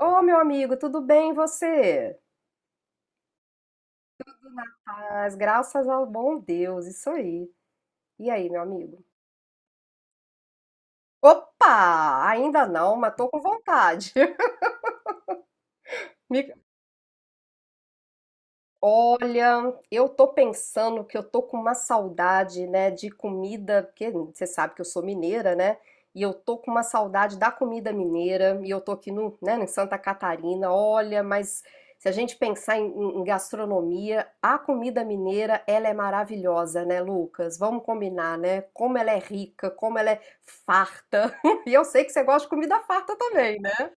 Ô, meu amigo, tudo bem e você? As graças ao bom Deus, isso aí. E aí, meu amigo? Opa! Ainda não, mas tô com vontade. Me Olha, eu tô pensando que eu tô com uma saudade, né, de comida, porque você sabe que eu sou mineira, né? E eu tô com uma saudade da comida mineira, e eu tô aqui no, né, em Santa Catarina. Olha, mas se a gente pensar em gastronomia, a comida mineira, ela é maravilhosa, né, Lucas? Vamos combinar, né? Como ela é rica, como ela é farta. E eu sei que você gosta de comida farta também, né?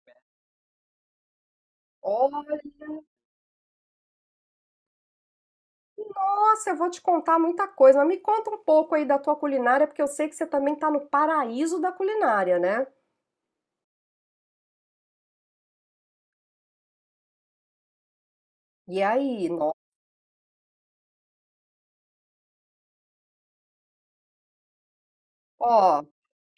Nossa, eu vou te contar muita coisa, mas me conta um pouco aí da tua culinária, porque eu sei que você também tá no paraíso da culinária, né? E aí, nó- Ó,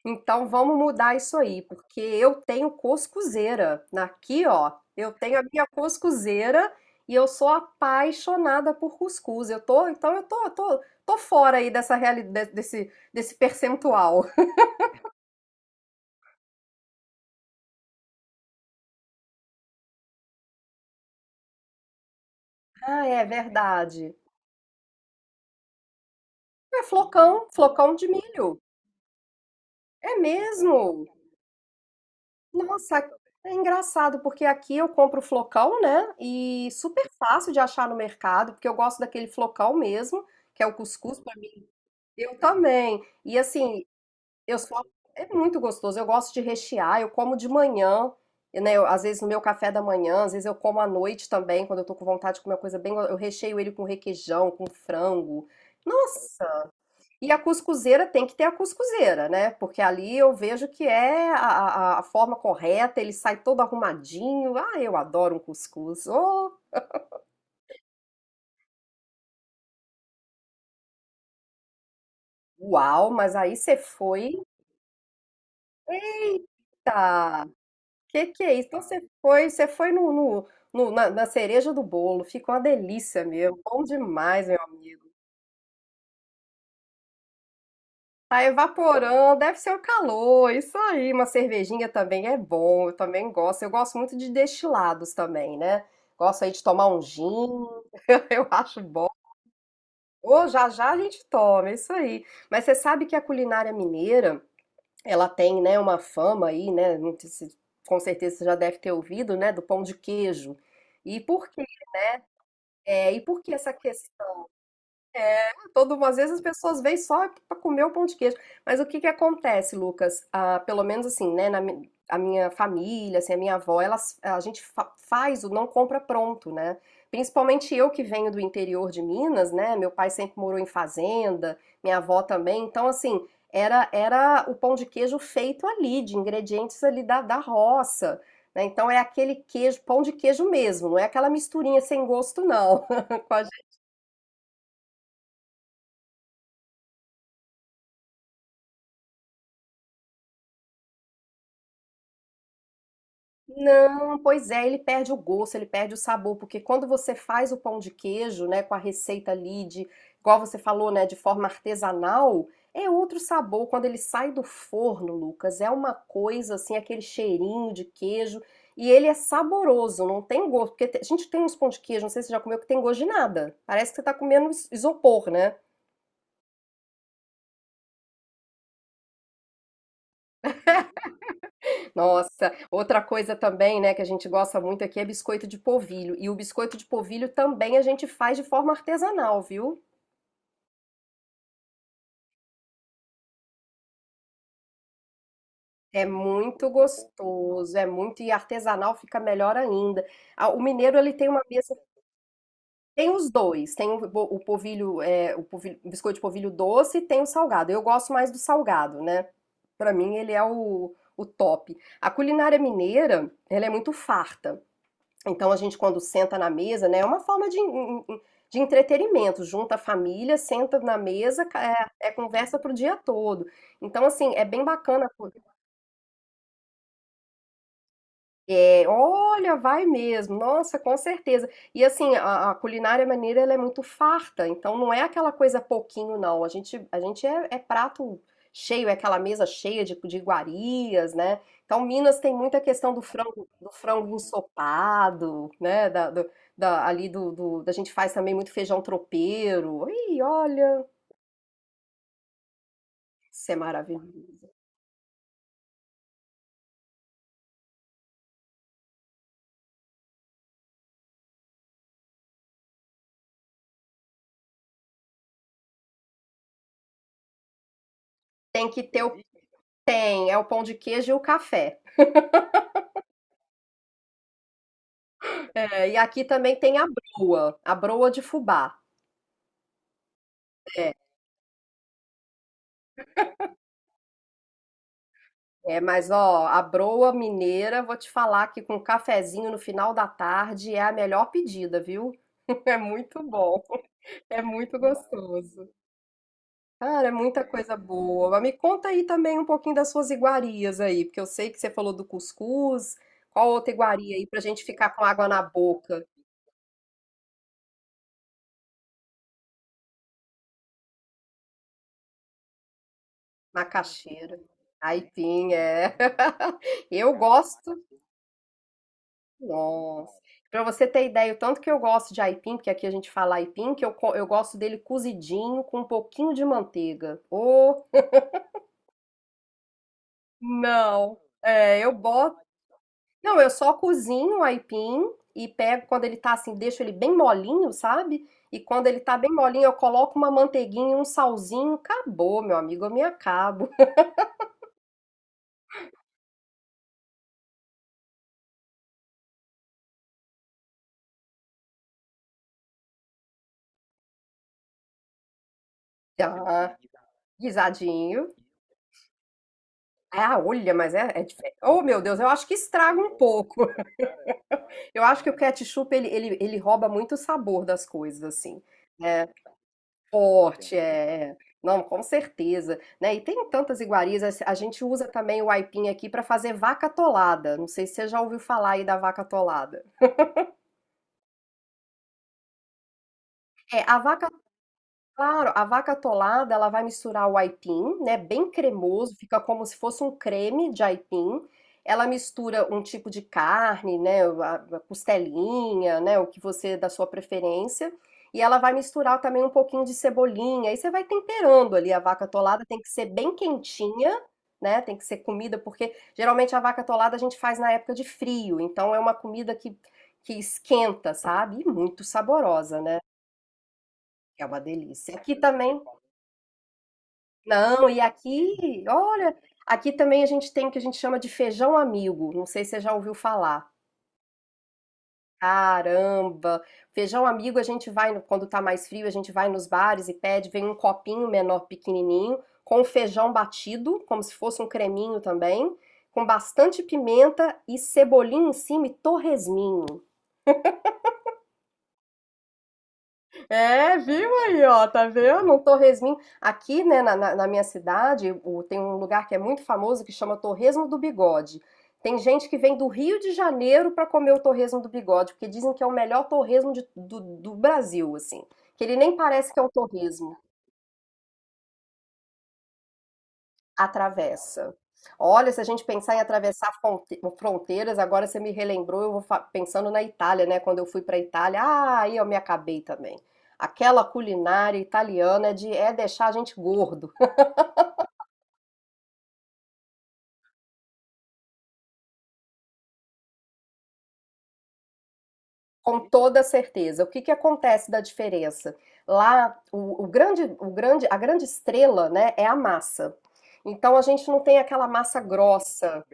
então vamos mudar isso aí, porque eu tenho cuscuzeira. Aqui, ó, eu tenho a minha cuscuzeira e eu sou apaixonada por cuscuz. Então eu tô fora aí dessa realidade, desse percentual. Ah, é verdade. É flocão, flocão de milho. É mesmo? Nossa, é engraçado, porque aqui eu compro flocão, né? E super fácil de achar no mercado, porque eu gosto daquele flocão mesmo, que é o cuscuz pra mim. Eu também. E assim, eu só é muito gostoso. Eu gosto de rechear, eu como de manhã, né? Às vezes no meu café da manhã, às vezes eu como à noite também, quando eu tô com vontade de comer uma coisa bem, eu recheio ele com requeijão, com frango. Nossa, e a cuscuzeira tem que ter a cuscuzeira, né? Porque ali eu vejo que é a forma correta, ele sai todo arrumadinho. Ah, eu adoro um cuscuz. Oh, uau, mas aí você foi. Eita, que é isso? Então você foi na cereja do bolo. Ficou uma delícia mesmo. Bom demais, meu amigo. Tá evaporando, deve ser o calor, isso aí. Uma cervejinha também é bom, eu também gosto. Eu gosto muito de destilados também, né? Gosto aí de tomar um gin, eu acho bom. Ô, já já a gente toma, é isso aí. Mas você sabe que a culinária mineira, ela tem, né, uma fama aí, né? não sei se- Com certeza você já deve ter ouvido, né, do pão de queijo. E por quê? É, e por que essa questão? Todo, às vezes as pessoas vêm só para comer o pão de queijo. Mas o que que acontece, Lucas? Ah, pelo menos assim, né? A minha família, assim, a minha avó, elas, a gente faz o não compra pronto, né? Principalmente eu que venho do interior de Minas, né? Meu pai sempre morou em fazenda, minha avó também. Então, assim, era o pão de queijo feito ali, de ingredientes ali da roça. Né? Então é aquele queijo, pão de queijo mesmo, não é aquela misturinha sem gosto, não, com a Não, pois é, ele perde o gosto, ele perde o sabor, porque quando você faz o pão de queijo, né, com a receita ali de, igual você falou, né, de forma artesanal, é outro sabor. Quando ele sai do forno, Lucas, é uma coisa assim, aquele cheirinho de queijo, e ele é saboroso, não tem gosto, porque a gente tem uns pão de queijo, não sei se você já comeu, que tem gosto de nada. Parece que você tá comendo isopor, né? Nossa, outra coisa também, né, que a gente gosta muito aqui é biscoito de polvilho. E o biscoito de polvilho também a gente faz de forma artesanal, viu? É muito gostoso, é muito, e artesanal fica melhor ainda. Ah, o mineiro, ele tem uma mesa, tem os dois, tem o o biscoito de polvilho doce e tem o salgado. Eu gosto mais do salgado, né? Pra mim, ele é o top. A culinária mineira, ela é muito farta. Então a gente quando senta na mesa, né, é uma forma de entretenimento, junta a família, senta na mesa, é conversa pro dia todo. Então assim, é bem bacana. É, olha, vai mesmo. Nossa, com certeza. E assim, a culinária maneira ela é muito farta, então não é aquela coisa pouquinho, não. A gente é prato cheio, é aquela mesa cheia de iguarias, né? Então, Minas tem muita questão do frango ensopado, né? Da, do- da- ali do, do- da gente faz também muito feijão tropeiro. Ih, olha, isso é maravilhoso. Tem que ter o tem, é o pão de queijo e o café. É, e aqui também tem a broa de fubá. É, é, mas ó, a broa mineira, vou te falar que com um cafezinho no final da tarde é a melhor pedida, viu? É muito bom, é muito gostoso. Cara, é muita coisa boa. Mas me conta aí também um pouquinho das suas iguarias aí, porque eu sei que você falou do cuscuz. Qual outra iguaria aí pra gente ficar com água na boca, macaxeira? Aipim, é. Eu gosto Nossa. Pra você ter ideia, o tanto que eu gosto de aipim, porque aqui a gente fala aipim, que eu gosto dele cozidinho com um pouquinho de manteiga. Ô, não. É, eu boto. Não, eu só cozinho o aipim e pego quando ele tá assim, deixo ele bem molinho, sabe? E quando ele tá bem molinho, eu coloco uma manteiguinha, um salzinho. Acabou, meu amigo, eu me acabo. Ah, guisadinho. Ah, olha, mas é, é diferente. Oh, meu Deus, eu acho que estraga um pouco. Eu acho que o ketchup ele rouba muito o sabor das coisas, assim, né? Forte, é. É. Não, com certeza, né? E tem tantas iguarias. A gente usa também o aipim aqui para fazer vaca atolada. Não sei se você já ouviu falar aí da vaca atolada. É, a vaca Claro, a vaca atolada, ela vai misturar o aipim, né, bem cremoso, fica como se fosse um creme de aipim. Ela mistura um tipo de carne, né, a costelinha, né, o que você da sua preferência, e ela vai misturar também um pouquinho de cebolinha. Aí você vai temperando ali a vaca atolada, tem que ser bem quentinha, né, tem que ser comida porque geralmente a vaca atolada a gente faz na época de frio, então é uma comida que esquenta, sabe? E muito saborosa, né? É uma delícia. Aqui também não, e aqui, olha, aqui também a gente tem o que a gente chama de feijão amigo. Não sei se você já ouviu falar. Caramba! Feijão amigo, a gente vai, quando tá mais frio, a gente vai nos bares e pede, vem um copinho menor, pequenininho, com feijão batido, como se fosse um creminho também, com bastante pimenta e cebolinha em cima e torresminho. É, viu aí, ó, tá vendo? Um torresminho. Aqui, né, na minha cidade, tem um lugar que é muito famoso que chama Torresmo do Bigode. Tem gente que vem do Rio de Janeiro pra comer o torresmo do bigode, porque dizem que é o melhor torresmo do Brasil, assim. Que ele nem parece que é um torresmo. Atravessa. Olha, se a gente pensar em atravessar fronteiras, agora você me relembrou, pensando na Itália, né? Quando eu fui para Itália, ah, aí eu me acabei também. Aquela culinária italiana de é deixar a gente gordo, com toda certeza. O que que acontece da diferença? Lá, a grande estrela, né, é a massa. Então a gente não tem aquela massa grossa.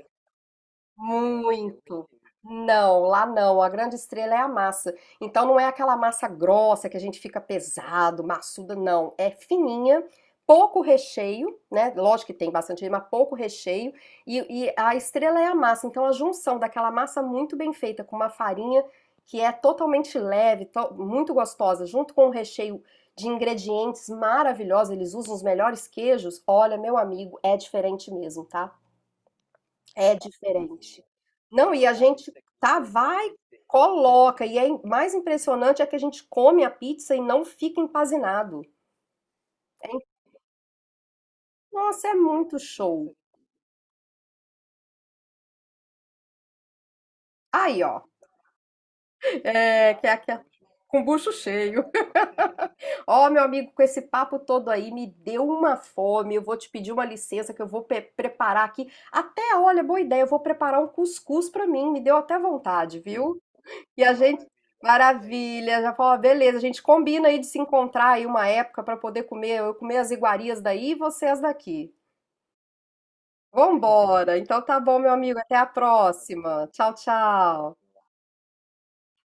Muito. Não, lá não. A grande estrela é a massa. Então não é aquela massa grossa que a gente fica pesado, maçuda, não. É fininha, pouco recheio, né? Lógico que tem bastante, recheio, mas pouco recheio. E a estrela é a massa. Então a junção daquela massa muito bem feita com uma farinha que é totalmente leve, muito gostosa, junto com um recheio de ingredientes maravilhosos. Eles usam os melhores queijos. Olha, meu amigo, é diferente mesmo, tá? É diferente. Não, e a gente tá, vai, coloca. E é mais impressionante é que a gente come a pizza e não fica empanzinado. É, nossa, é muito show. Aí, ó. É, que é aqui, com bucho cheio. Ó, meu amigo, com esse papo todo aí, me deu uma fome. Eu vou te pedir uma licença que eu vou preparar aqui. Até, olha, boa ideia, eu vou preparar um cuscuz pra mim. Me deu até vontade, viu? E a gente, maravilha, já falou, "Ah, beleza, a gente combina aí de se encontrar aí uma época para poder comer, eu comer as iguarias daí e vocês daqui. Vambora. Então tá bom, meu amigo, até a próxima. Tchau, tchau.